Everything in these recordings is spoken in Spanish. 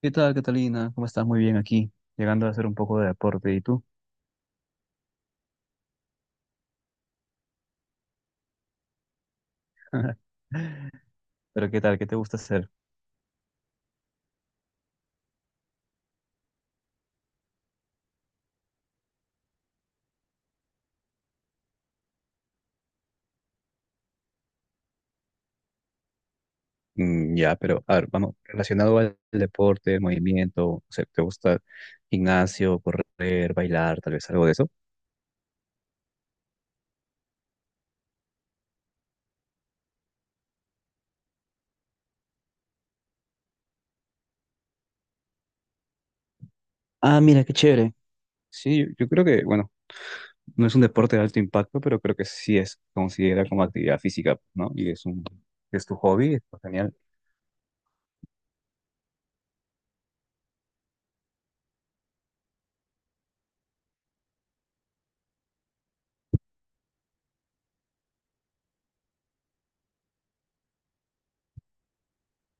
¿Qué tal, Catalina? ¿Cómo estás? Muy bien aquí, llegando a hacer un poco de deporte. ¿Y tú? Pero ¿qué tal? ¿Qué te gusta hacer? Ya, pero a ver, vamos, relacionado al deporte, el movimiento, o sea, ¿te gusta gimnasio, correr, bailar, tal vez algo de eso? Ah, mira, qué chévere. Sí, yo creo que, bueno, no es un deporte de alto impacto, pero creo que sí es considera como actividad física, ¿no? Y es tu hobby, está genial.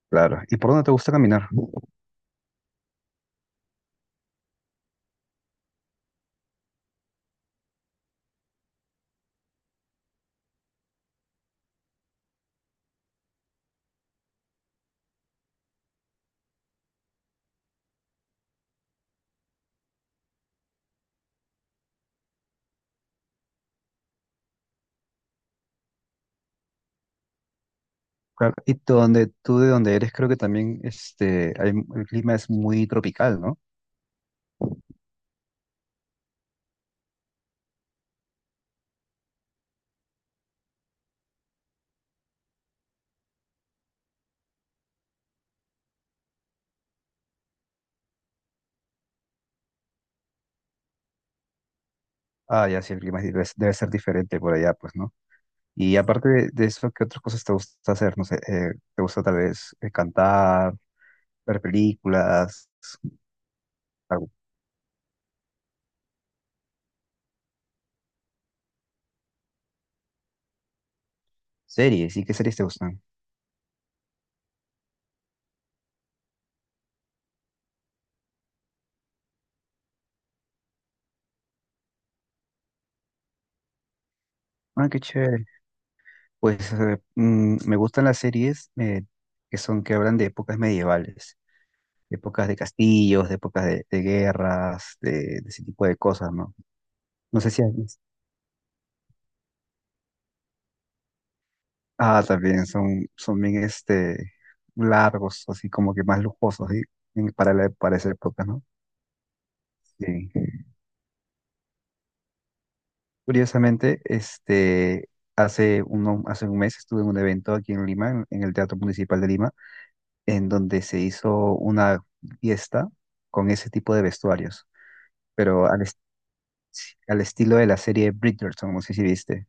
Claro. ¿Y por dónde te gusta caminar? Claro, y tú, tú de donde eres, creo que también el clima es muy tropical, ¿no? Ah, ya sí, el clima debe ser diferente por allá, pues, ¿no? Y aparte de eso, ¿qué otras cosas te gusta hacer? No sé, ¿te gusta tal vez cantar, ver películas, algo- series? ¿Y qué series te gustan? Ah, qué chévere. Pues me gustan las series que hablan de épocas medievales, de épocas de castillos, de épocas de guerras, de ese tipo de cosas, ¿no? No sé si has visto. Ah, también son bien largos, así como que más lujosos, ¿sí? Para esa época, ¿no? Sí. Curiosamente, hace un mes estuve en un evento aquí en Lima, en el Teatro Municipal de Lima, en donde se hizo una fiesta con ese tipo de vestuarios, pero al estilo de la serie Bridgerton, no sé si viste.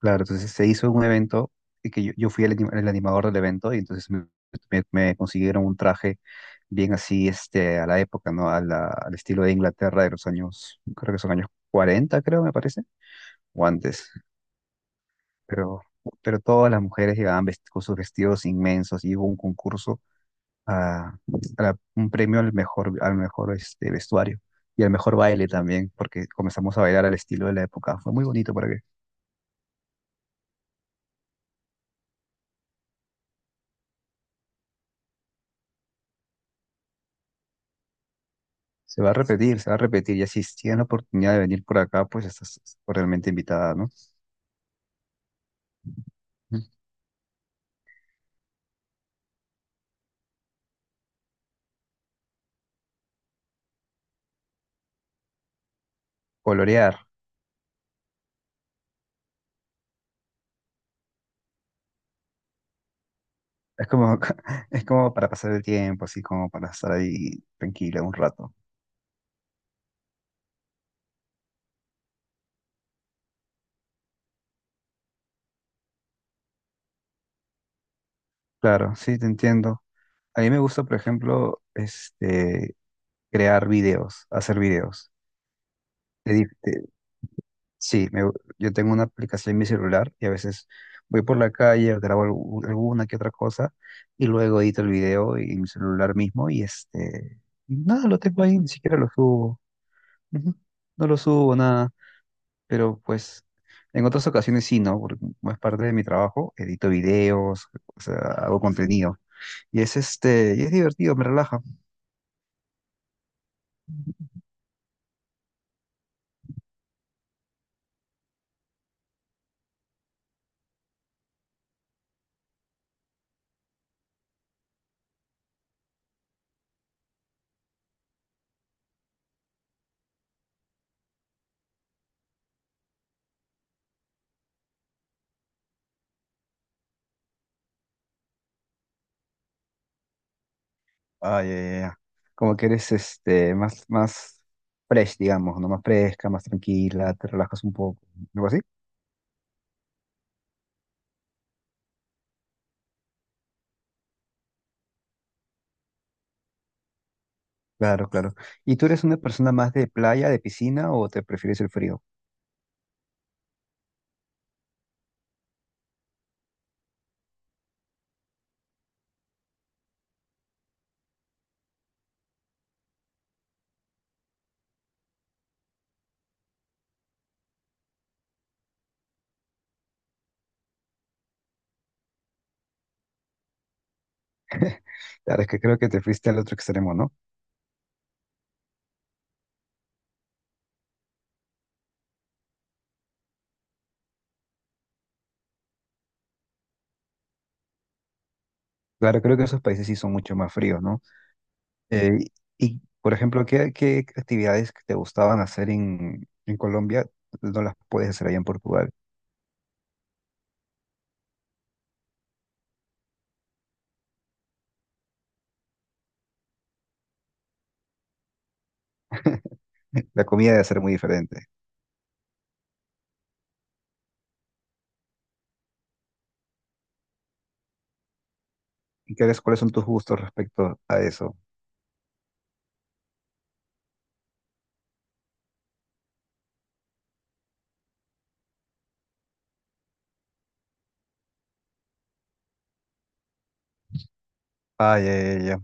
Claro, entonces se hizo un evento y que yo fui el animador del evento y entonces me consiguieron un traje bien así a la época, ¿no? Al estilo de Inglaterra de los años, creo que son años 40 creo, me parece, o antes. Pero, pero todas las mujeres llegaban con sus vestidos inmensos y hubo un concurso, a, un premio al mejor vestuario y al mejor baile también, porque comenzamos a bailar al estilo de la época. Fue muy bonito para Se va a repetir, se va a repetir. Y así, si tienes la oportunidad de venir por acá, pues estás realmente invitada, ¿no? Mm. Colorear. Es como, es como para pasar el tiempo, así como para estar ahí tranquila un rato. Claro, sí, te entiendo. A mí me gusta, por ejemplo, crear videos, hacer videos. Sí, yo tengo una aplicación en mi celular y a veces voy por la calle, grabo alguna que otra cosa y luego edito el video en mi celular mismo y nada, lo tengo ahí, ni siquiera lo subo. Ujú. No lo subo, nada, pero pues en otras ocasiones sí, ¿no? Porque como es parte de mi trabajo, edito videos, o sea, hago contenido y es divertido, me relaja. Ah, ya, ya, ya. Como que eres más fresh, digamos, ¿no? Más fresca, más tranquila, te relajas un poco, algo así. Claro, claro. ¿Y tú eres una persona más de playa, de piscina o te prefieres el frío? Claro, es que creo que te fuiste al otro extremo, ¿no? Claro, creo que esos países sí son mucho más fríos, ¿no? Eh, y, por ejemplo, ¿qué actividades que te gustaban hacer en Colombia no las puedes hacer allá en Portugal? La comida debe ser muy diferente. ¿Y cuáles son tus gustos respecto a eso? Ah, ya, ya, ya.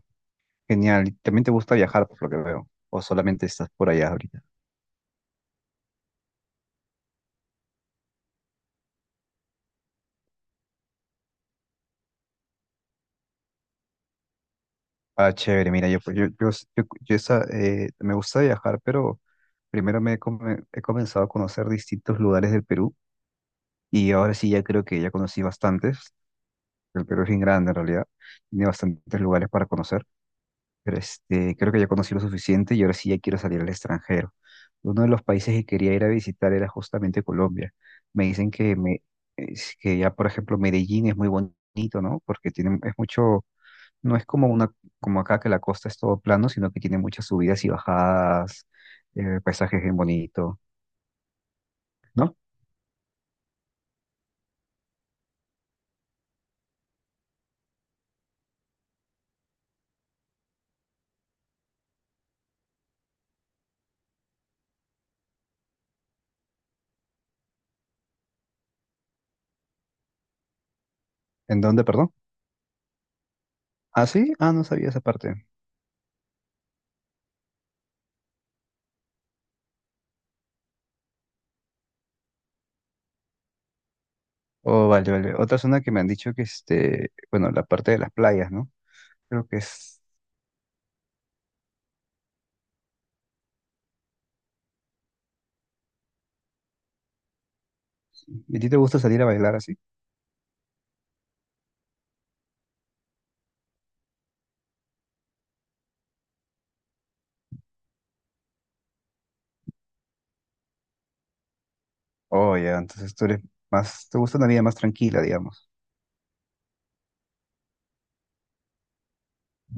Genial. ¿Y también te gusta viajar, por lo que veo? O solamente estás por allá ahorita. Ah, chévere. Mira, yo, pues, me gusta viajar, pero primero he comenzado a conocer distintos lugares del Perú y ahora sí ya creo que ya conocí bastantes. El Perú es bien grande en realidad. Tiene bastantes lugares para conocer. Pero creo que ya conocí lo suficiente y ahora sí ya quiero salir al extranjero. Uno de los países que quería ir a visitar era justamente Colombia. Me dicen que, es que ya, por ejemplo, Medellín es muy bonito, ¿no? Porque tiene, es mucho, no es como acá que la costa es todo plano, sino que tiene muchas subidas y bajadas, paisajes bien bonitos, ¿no? ¿En dónde, perdón? Ah, sí, ah, no sabía esa parte. Oh, vale, vale. Otra zona que me han dicho que, bueno, la parte de las playas, ¿no? Creo que es. ¿Y a ti te gusta salir a bailar así? Oh, ya, entonces tú eres te gusta una vida más tranquila, digamos.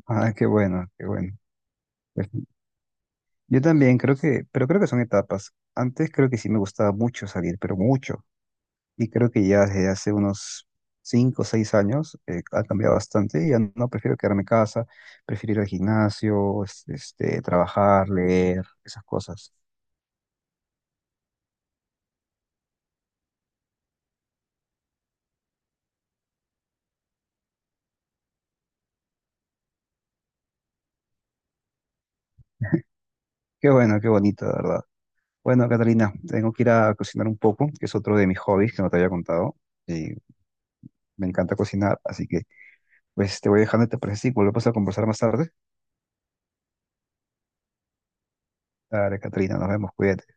Ah, qué bueno, qué bueno. Pues, yo también pero creo que son etapas. Antes creo que sí me gustaba mucho salir, pero mucho. Y creo que ya desde hace unos 5 o 6 años ha cambiado bastante. Y ya no prefiero quedarme en casa, prefiero ir al gimnasio, trabajar, leer, esas cosas. Qué bueno, qué bonito, de verdad. Bueno, Catalina, tengo que ir a cocinar un poco, que es otro de mis hobbies que no te había contado. Y me encanta cocinar, así que Pues te voy dejando, ¿te parece? Y volvemos a conversar más tarde. Dale, Catrina, nos vemos, cuídate.